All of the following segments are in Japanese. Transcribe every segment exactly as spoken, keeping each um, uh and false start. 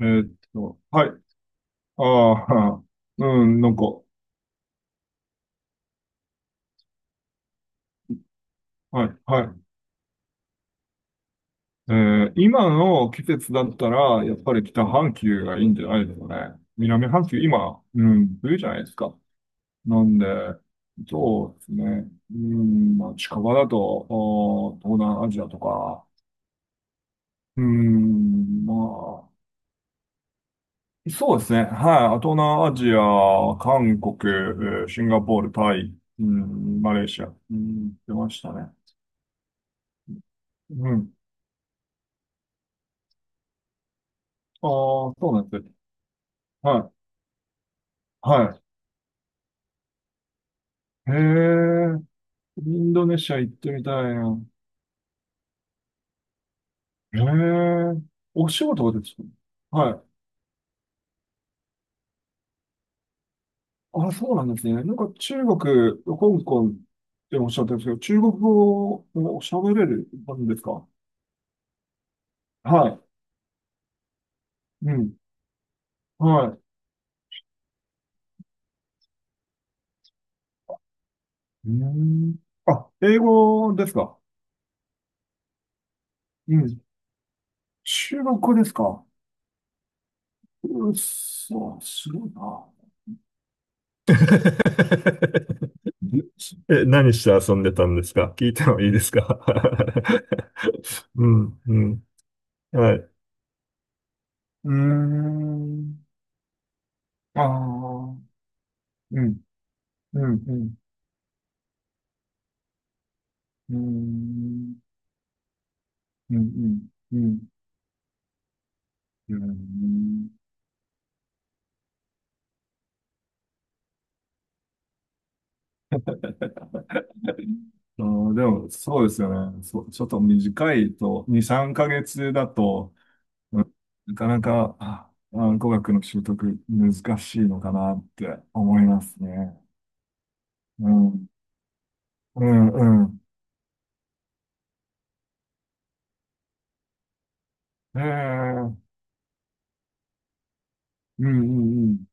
えーっと、はい。ああ、うん、なんか、はい、はい。えー今の季節だったら、やっぱり北半球がいいんじゃないですかね。南半球、今、うん、冬じゃないですか。なんで、そうですね。うん、まあ、近場だと、お東南アジアとか、うん、まあ、そうですね。はい。東南アジア、韓国、えーシンガポール、タイ、うん、マレーシア、うん、出ましたね。うん。ああ、そうなんですね。はい。はい。へえ。インドネシア行ってみたいな。へえ。お仕事がですか？はい。あ、そうなんですね。なんか中国、香港っておっしゃってるんですけど、中国語を喋れるんですか？はい。うん。はい。うん。あ、英語ですか？うん。中国語ですか？うっそ、すごいな。でですか？ うん、うん。はい。うーん。ああ、うん、うん、うん、うーん、うん、うん、うん。うん、あーでも、そうですよね。そう、ちょっと短いと、に、さんかげつだと、うん、なかなか、あ、あ語学の習得難しいのかなって思いますね。うん、うん、うん。ええ、うん、うん、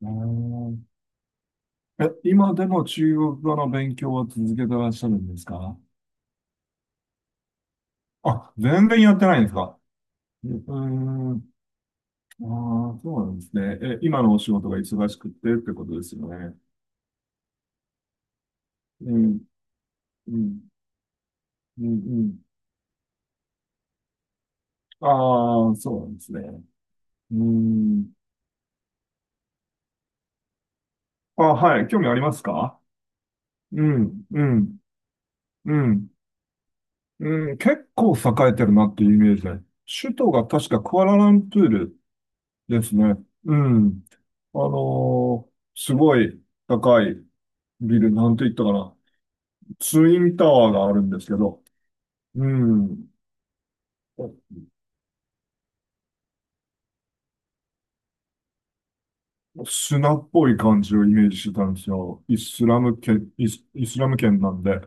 うん。えーえ、今でも中国語の勉強を続けてらっしゃるんですか？あ、全然やってないんですか。うーん。ああ、そうなんですね。え、今のお仕事が忙しくてってことですよね。うん、うん、うん、うん。ああ、そうなんですね。うーん。あ、はい。興味ありますか？うん、うん、うん、うん。結構栄えてるなっていうイメージで。首都が確かクアラルンプールですね。うん。あのーすごい高いビル、なんて言ったかな。ツインタワーがあるんですけど、うん。砂っぽい感じをイメージしてたんですよ。イスラム圏、イス、イスラム圏なんで。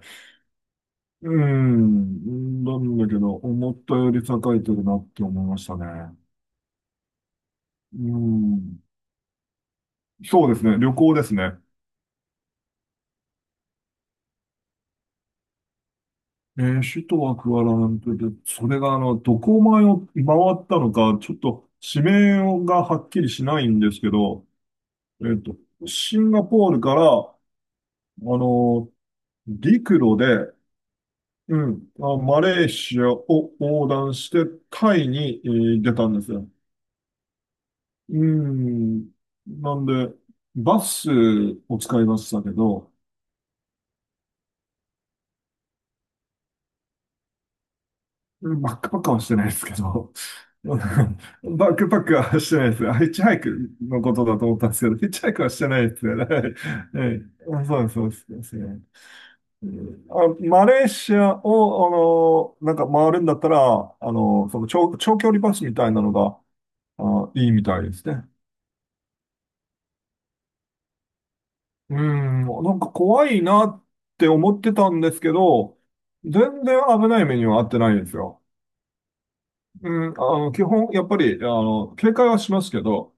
うん。なんだけど、思ったより栄えてるなって思いましたね。うん。そうですね。旅行ですね。えー、首都はクアラルンプールで、それがあの、どこを回を回ったのか、ちょっと地名がはっきりしないんですけど、えっと、シンガポールから、あの、陸路で、うん。あ、マレーシアを横断して、タイに、えー出たんですよ。うん。なんで、バスを使いましたけど、バックパックはしてないですけど、バックパックはしてないです。あ、ヒッチハイクのことだと思ったんですけど、ヒッチハイクはしてないですよね。はい。はい、そうです、そうです。ですね。うん、あ、マレーシアを、あの、なんか回るんだったら、あの、その長、長距離バスみたいなのが、あ、いいみたいですね。うん、なんか怖いなって思ってたんですけど、全然危ない目には遭ってないんですよ。うん、あの、基本、やっぱり、あの、警戒はしますけど、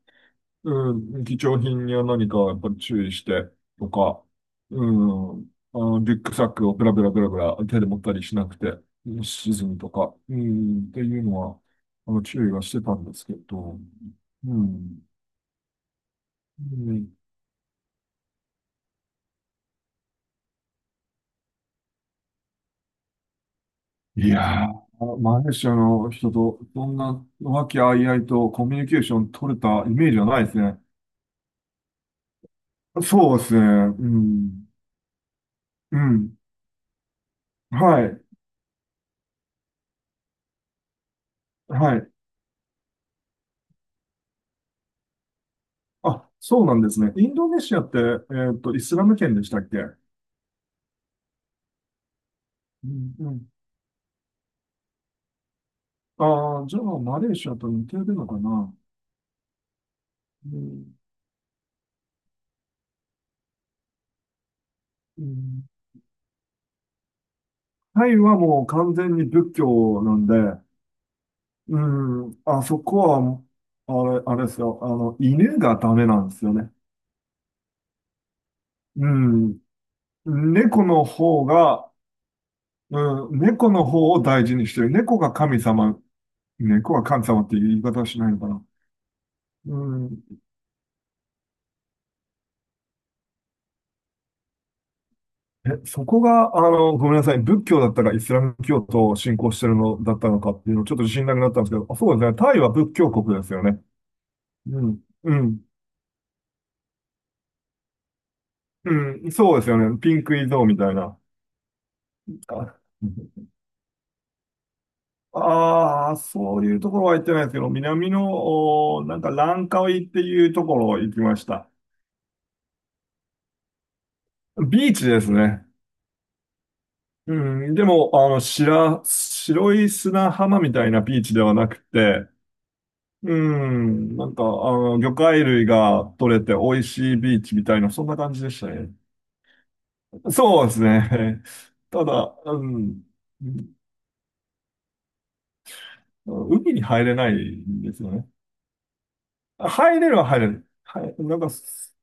うん、貴重品には何かやっぱり注意してとか、うん、あの、リュックサックをブラブラブラブラ手で持ったりしなくて、うん、沈むとか、うん、っていうのは、あの、注意はしてたんですけど、うん、うん、いやー、マレーシアの人とそんな和気あいあいとコミュニケーション取れたイメージはないですね。そうですね。うん。うん。はい。はい。あ、そうなんですね。インドネシアって、えっと、イスラム圏でしたっけ？うん。うん。ああ、じゃあ、マレーシアと似てるのかな。うん。うん、タイはもう完全に仏教なんで、うん。あそこは、あれ、あれですよ。あの、犬がダメなんですよね。うん。猫の方が、うん、猫の方を大事にしてる。猫が神様、猫が神様っていう言い方はしないのかな。うん、え、そこが、あの、ごめんなさい。仏教だったかイスラム教徒を信仰してるのだったのかっていうのちょっと自信なくなったんですけど、あ、そうですね。タイは仏教国ですよね。うん、うん、うん、そうですよね。ピンクイゾーみたいな。あああ、そういうところは行ってないですけど、南の、おなんかランカウイっていうところ行きました。ビーチですね。うん、でも、あの、白、白い砂浜みたいなビーチではなくて、うん、なんか、あの、魚介類が取れて美味しいビーチみたいな、そんな感じでしたね。そうですね。ただ、うん、海に入れないんですよね。入れるは入れる。はい、なんか、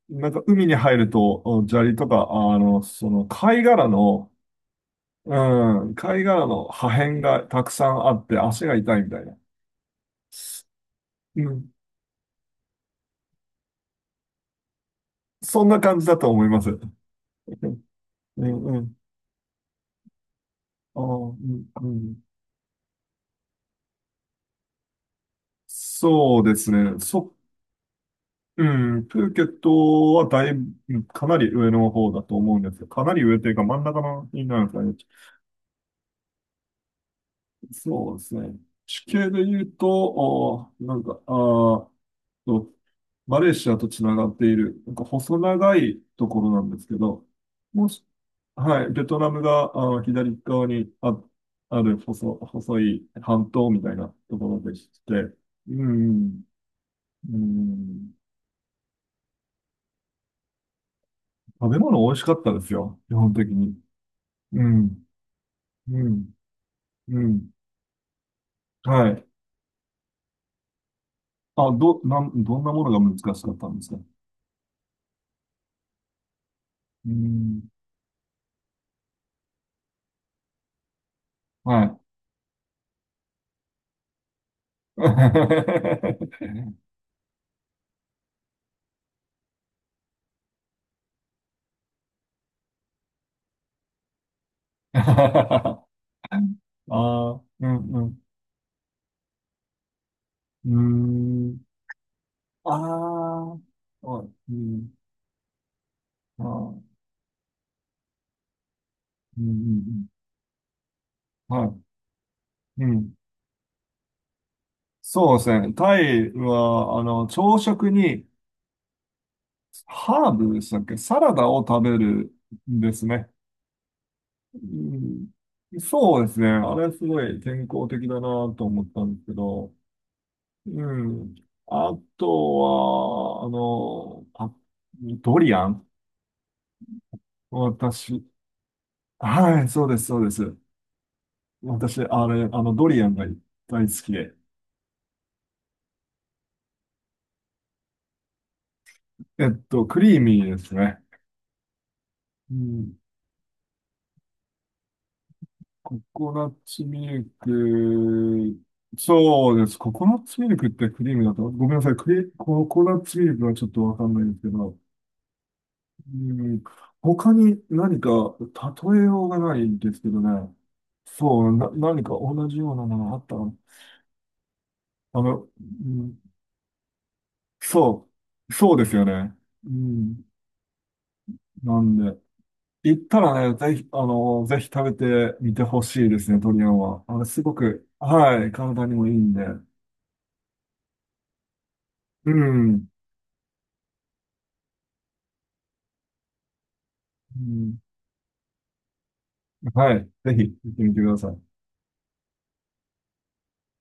なんか海に入ると、うん、砂利とか、あの、その貝殻の、うん、貝殻の破片がたくさんあって足が痛いみたいな。うん、そんな感じだと思います。うん、うん。ああ、うん、うん。そうですね。そ、うん。プーケットはだいぶ、かなり上の方だと思うんですよ。かなり上というか真ん中のになるんですかね。そうですね。地形で言うと、おーなんか、ああ、と、マレーシアとつながっている、なんか細長いところなんですけど、もし、はい、ベトナムがあの左側にあ、ある細、細い半島みたいなところでして、うん、うん、食べ物美味しかったですよ、基本的に。うん、うん、うん、はい。あ、ど、なん、どんなものが難しかったんですか？うん、はい。ああ、うん、うん。うーん。ああ、はい、うん、あー、うん、うん、うん、はい、うん。そうですね。タイは、あの、朝食にハーブでしたっけ、サラダを食べるんですね。うん、そうですね。あれすごい健康的だなと思ったんですけど、うん。あとは、あの、あ、ドリアン、私、はい、そうです、そうです。私、あれ、あの、ドリアンが大好きで。えっと、クリーミーですね。うん、ココナッツミルク、そうです。ココナッツミルクってクリームだと、ごめんなさい。クリ、ココナッツミルクはちょっとわかんないんですけど、うん、他に何か例えようがないんですけどね。そう、な、何か同じようなものあったの？あの、うん、そう、そうですよね。うん、なんで。行ったらね、ぜひ、あの、ぜひ食べてみてほしいですね、鶏あんは。あの、すごく、はい、体にもいいんで。うん。うん、はい、ぜひ行ってみてください。